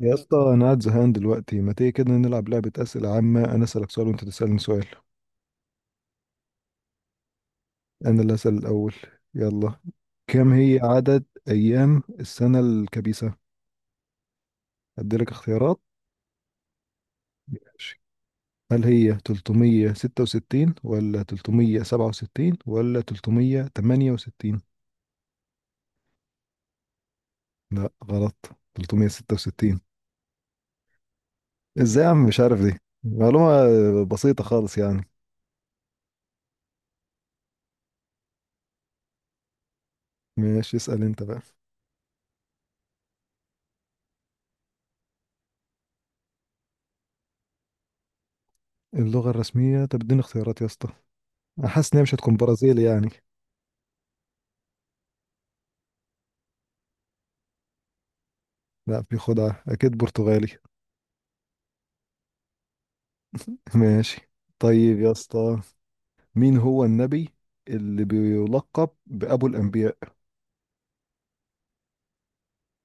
يا اسطى انا قاعد زهقان دلوقتي، ما تيجي كده نلعب لعبة أسئلة عامة. انا اسألك سؤال وانت تسألني سؤال. انا اللي اسأل الاول. يلا، كم هي عدد ايام السنة الكبيسة؟ اديلك اختيارات. ماشي، هل هي 366 ولا 367 ولا 368؟ لا غلط، 366. ازاي يا عم مش عارف دي معلومة بسيطة خالص يعني؟ ماشي، اسأل انت بقى. اللغة الرسمية، طب اديني اختيارات يا اسطى. أنا حاسس ان هي مش هتكون برازيلي يعني. لا، في خدعة، أكيد برتغالي. ماشي. طيب يا اسطى، مين هو النبي اللي بيلقب بأبو الأنبياء؟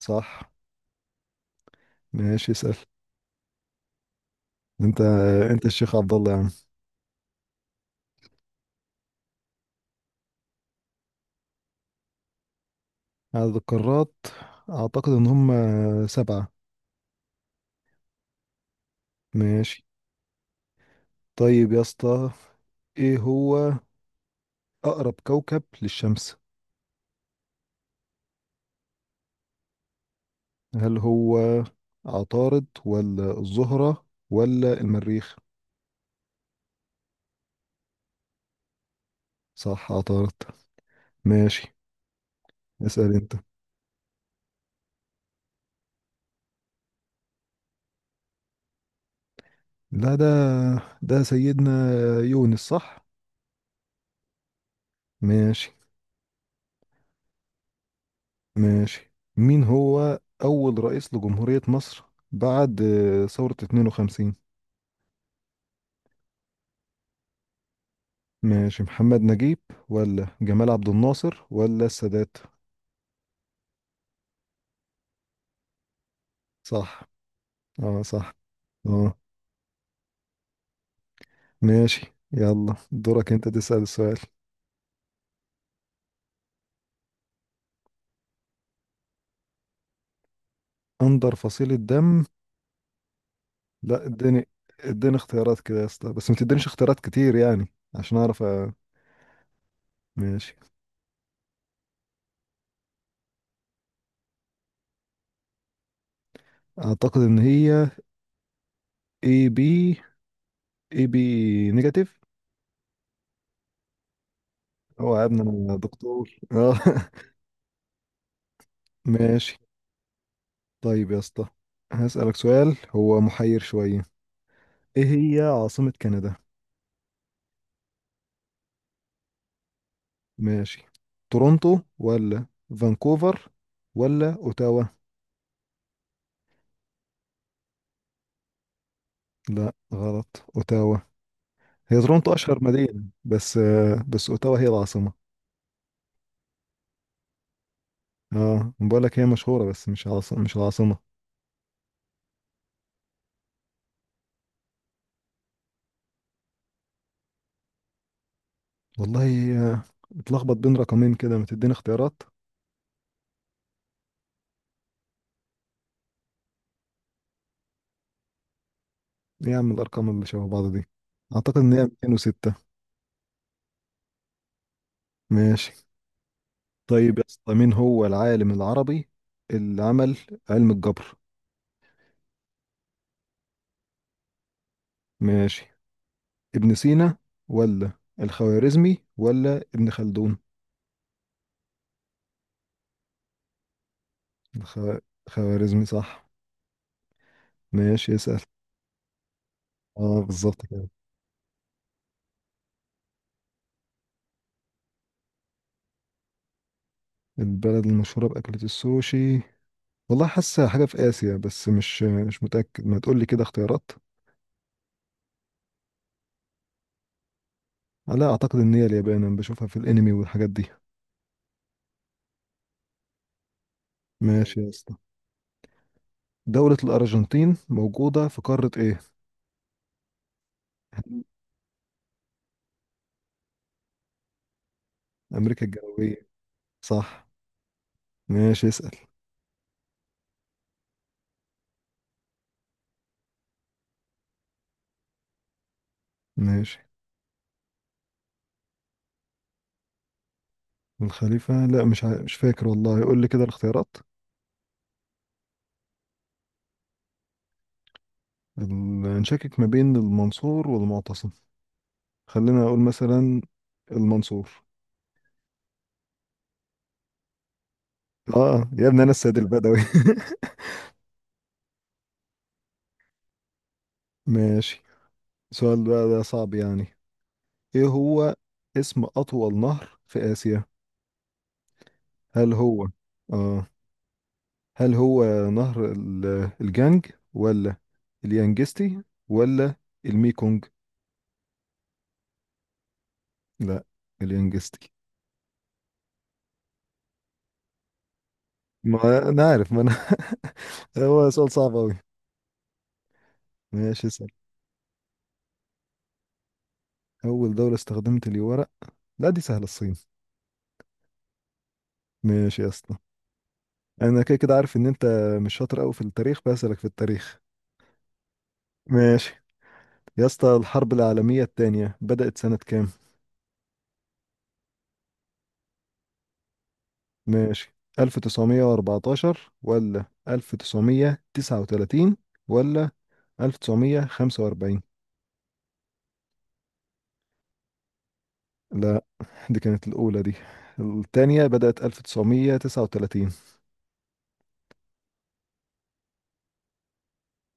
صح. ماشي، اسأل أنت. أنت الشيخ عبد الله يا عم. عدد القارات، أعتقد إن هم سبعة. ماشي. طيب يا اسطى، إيه هو أقرب كوكب للشمس؟ هل هو عطارد ولا الزهرة ولا المريخ؟ صح عطارد. ماشي، اسأل أنت. لا ده، ده سيدنا يونس، صح. ماشي. ماشي، مين هو أول رئيس لجمهورية مصر بعد ثورة 52؟ ماشي، محمد نجيب ولا جمال عبد الناصر ولا السادات؟ صح. اه صح، اه. ماشي، يلا دورك انت تسأل السؤال. أندر فصيل الدم، لا اديني اختيارات كده يا اسطى، بس ما تدينيش اختيارات كتير يعني، عشان اعرف ماشي. اعتقد ان هي A B، اي بي نيجاتيف. هو يا ابني انا دكتور، اه. ماشي. طيب يا اسطى، هسألك سؤال هو محير شوية. ايه هي عاصمة كندا؟ ماشي، تورونتو ولا فانكوفر ولا اوتاوا؟ لا غلط، اوتاوا. هي تورونتو اشهر مدينة، بس بس اوتاوا هي العاصمة. اه بقول لك هي مشهورة بس مش عاصمة، مش العاصمة. والله آه، اتلخبط بين رقمين كده، ما تديني اختيارات. ايه يا عم الارقام اللي شبه بعض دي؟ اعتقد ان هي 206. ماشي. طيب يا اسطى، مين هو العالم العربي اللي عمل علم الجبر؟ ماشي، ابن سينا ولا الخوارزمي ولا ابن خلدون؟ الخ... خوارزمي صح. ماشي، اسأل. اه بالظبط كده. البلد المشهورة بأكلة السوشي، والله حاسة حاجة في آسيا، بس مش متأكد، ما تقولي كده اختيارات. لا أعتقد إن هي اليابان، أنا بشوفها في الأنمي والحاجات دي. ماشي يا اسطى، دولة الأرجنتين موجودة في قارة إيه؟ أمريكا الجنوبية. صح. ماشي، اسأل. ماشي. الخليفة، لا مش مش فاكر والله، قول لي كده الاختيارات. نشكك ما بين المنصور والمعتصم. خلينا اقول مثلا المنصور. اه يا ابني انا السيد البدوي. ماشي. السؤال بقى ده صعب يعني. ايه هو اسم اطول نهر في اسيا؟ هل هو اه هل هو نهر الجانج ولا اليانجستي ولا الميكونج؟ لا، اليانجستي. ما انا عارف، ما انا. هو سؤال صعب قوي. ماشي. اول دولة استخدمت لي ورق، لا دي سهلة، الصين. ماشي يا اسطى، انا كده كده عارف ان انت مش شاطر قوي في التاريخ بسألك في التاريخ. ماشي يا اسطى، الحرب العالمية التانية بدأت سنة كام؟ ماشي، 1914 ولا 1939 ولا 1945؟ لا، دي كانت الأولى دي، التانية بدأت 1939.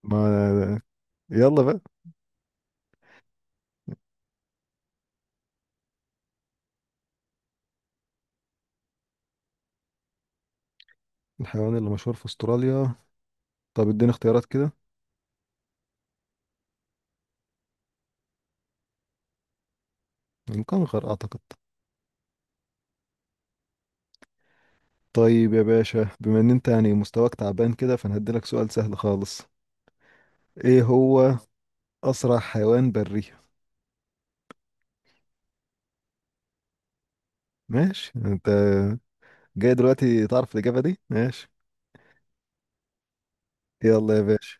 ما، يلا بقى. الحيوان اللي مشهور في أستراليا، طب اديني اختيارات كده. الكنغر أعتقد. طيب يا باشا، بما ان انت يعني مستواك تعبان كده، فانا هديلك سؤال سهل خالص. ايه هو اسرع حيوان بري؟ ماشي، انت جاي دلوقتي تعرف الاجابه دي، ماشي. يلا يا باشا.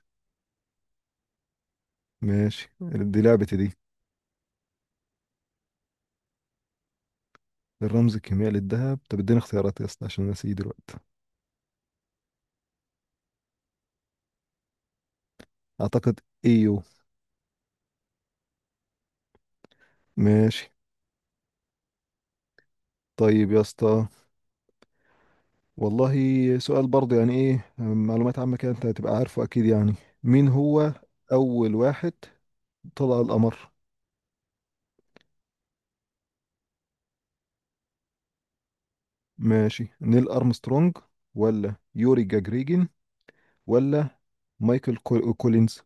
ماشي، دي لعبتي دي. الرمز الكيميائي للذهب، طب اديني اختيارات يا اسطى عشان نسيه دلوقتي. اعتقد ايو. ماشي. طيب يا اسطى، والله سؤال برضه يعني ايه، معلومات عامه كده انت هتبقى عارفه اكيد يعني. مين هو اول واحد طلع القمر؟ ماشي، نيل أرمسترونج ولا يوري جاجريجين ولا مايكل كولينز؟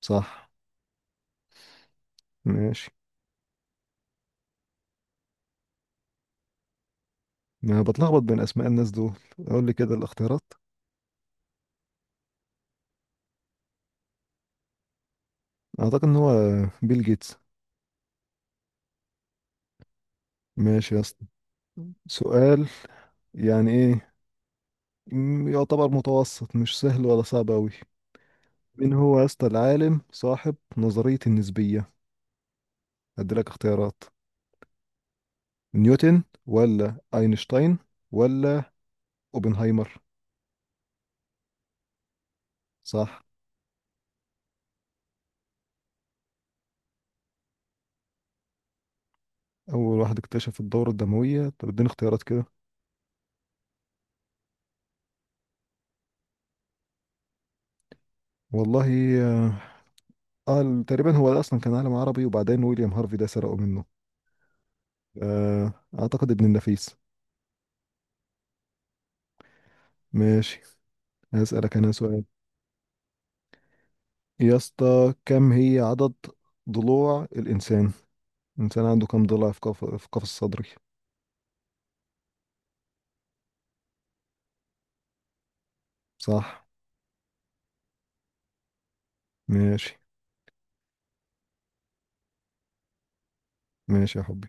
صح. ماشي. ما بتلخبط بين أسماء الناس دول، أقول لي كده الاختيارات. أعتقد إن هو بيل جيتس. ماشي يا اسطى. سؤال، يعني إيه، يعتبر متوسط، مش سهل ولا صعب أوي. مين هو يا اسطى العالم صاحب نظرية النسبية؟ أديلك اختيارات. نيوتن ولا أينشتاين ولا أوبنهايمر؟ صح. اول واحد اكتشف الدورة الدموية، طب اديني اختيارات كده. والله، اه، تقريبا هو ده اصلا كان عالم عربي، وبعدين ويليام هارفي ده سرقه منه. آه، اعتقد ابن النفيس. ماشي. هسألك انا سؤال. يا اسطى كم هي عدد ضلوع الانسان؟ الانسان عنده كم ضلع في قف، في قفص صدري؟ صح. ماشي. ماشي يا حبي.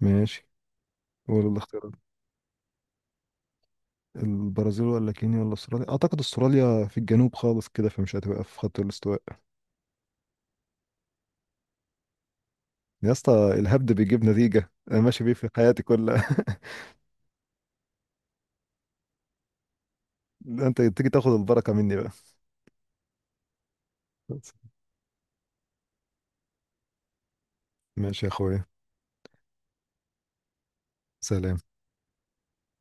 ماشي، ولا الاختيارات؟ البرازيل ولا كينيا ولا استراليا؟ اعتقد استراليا في الجنوب خالص كده، فمش هتبقى في خط الاستواء. يا اسطى الهبد بيجيب نتيجة، انا ماشي بيه في حياتي كلها. ده انت تيجي تاخد البركة مني بقى. ماشي يا اخويا. سلام.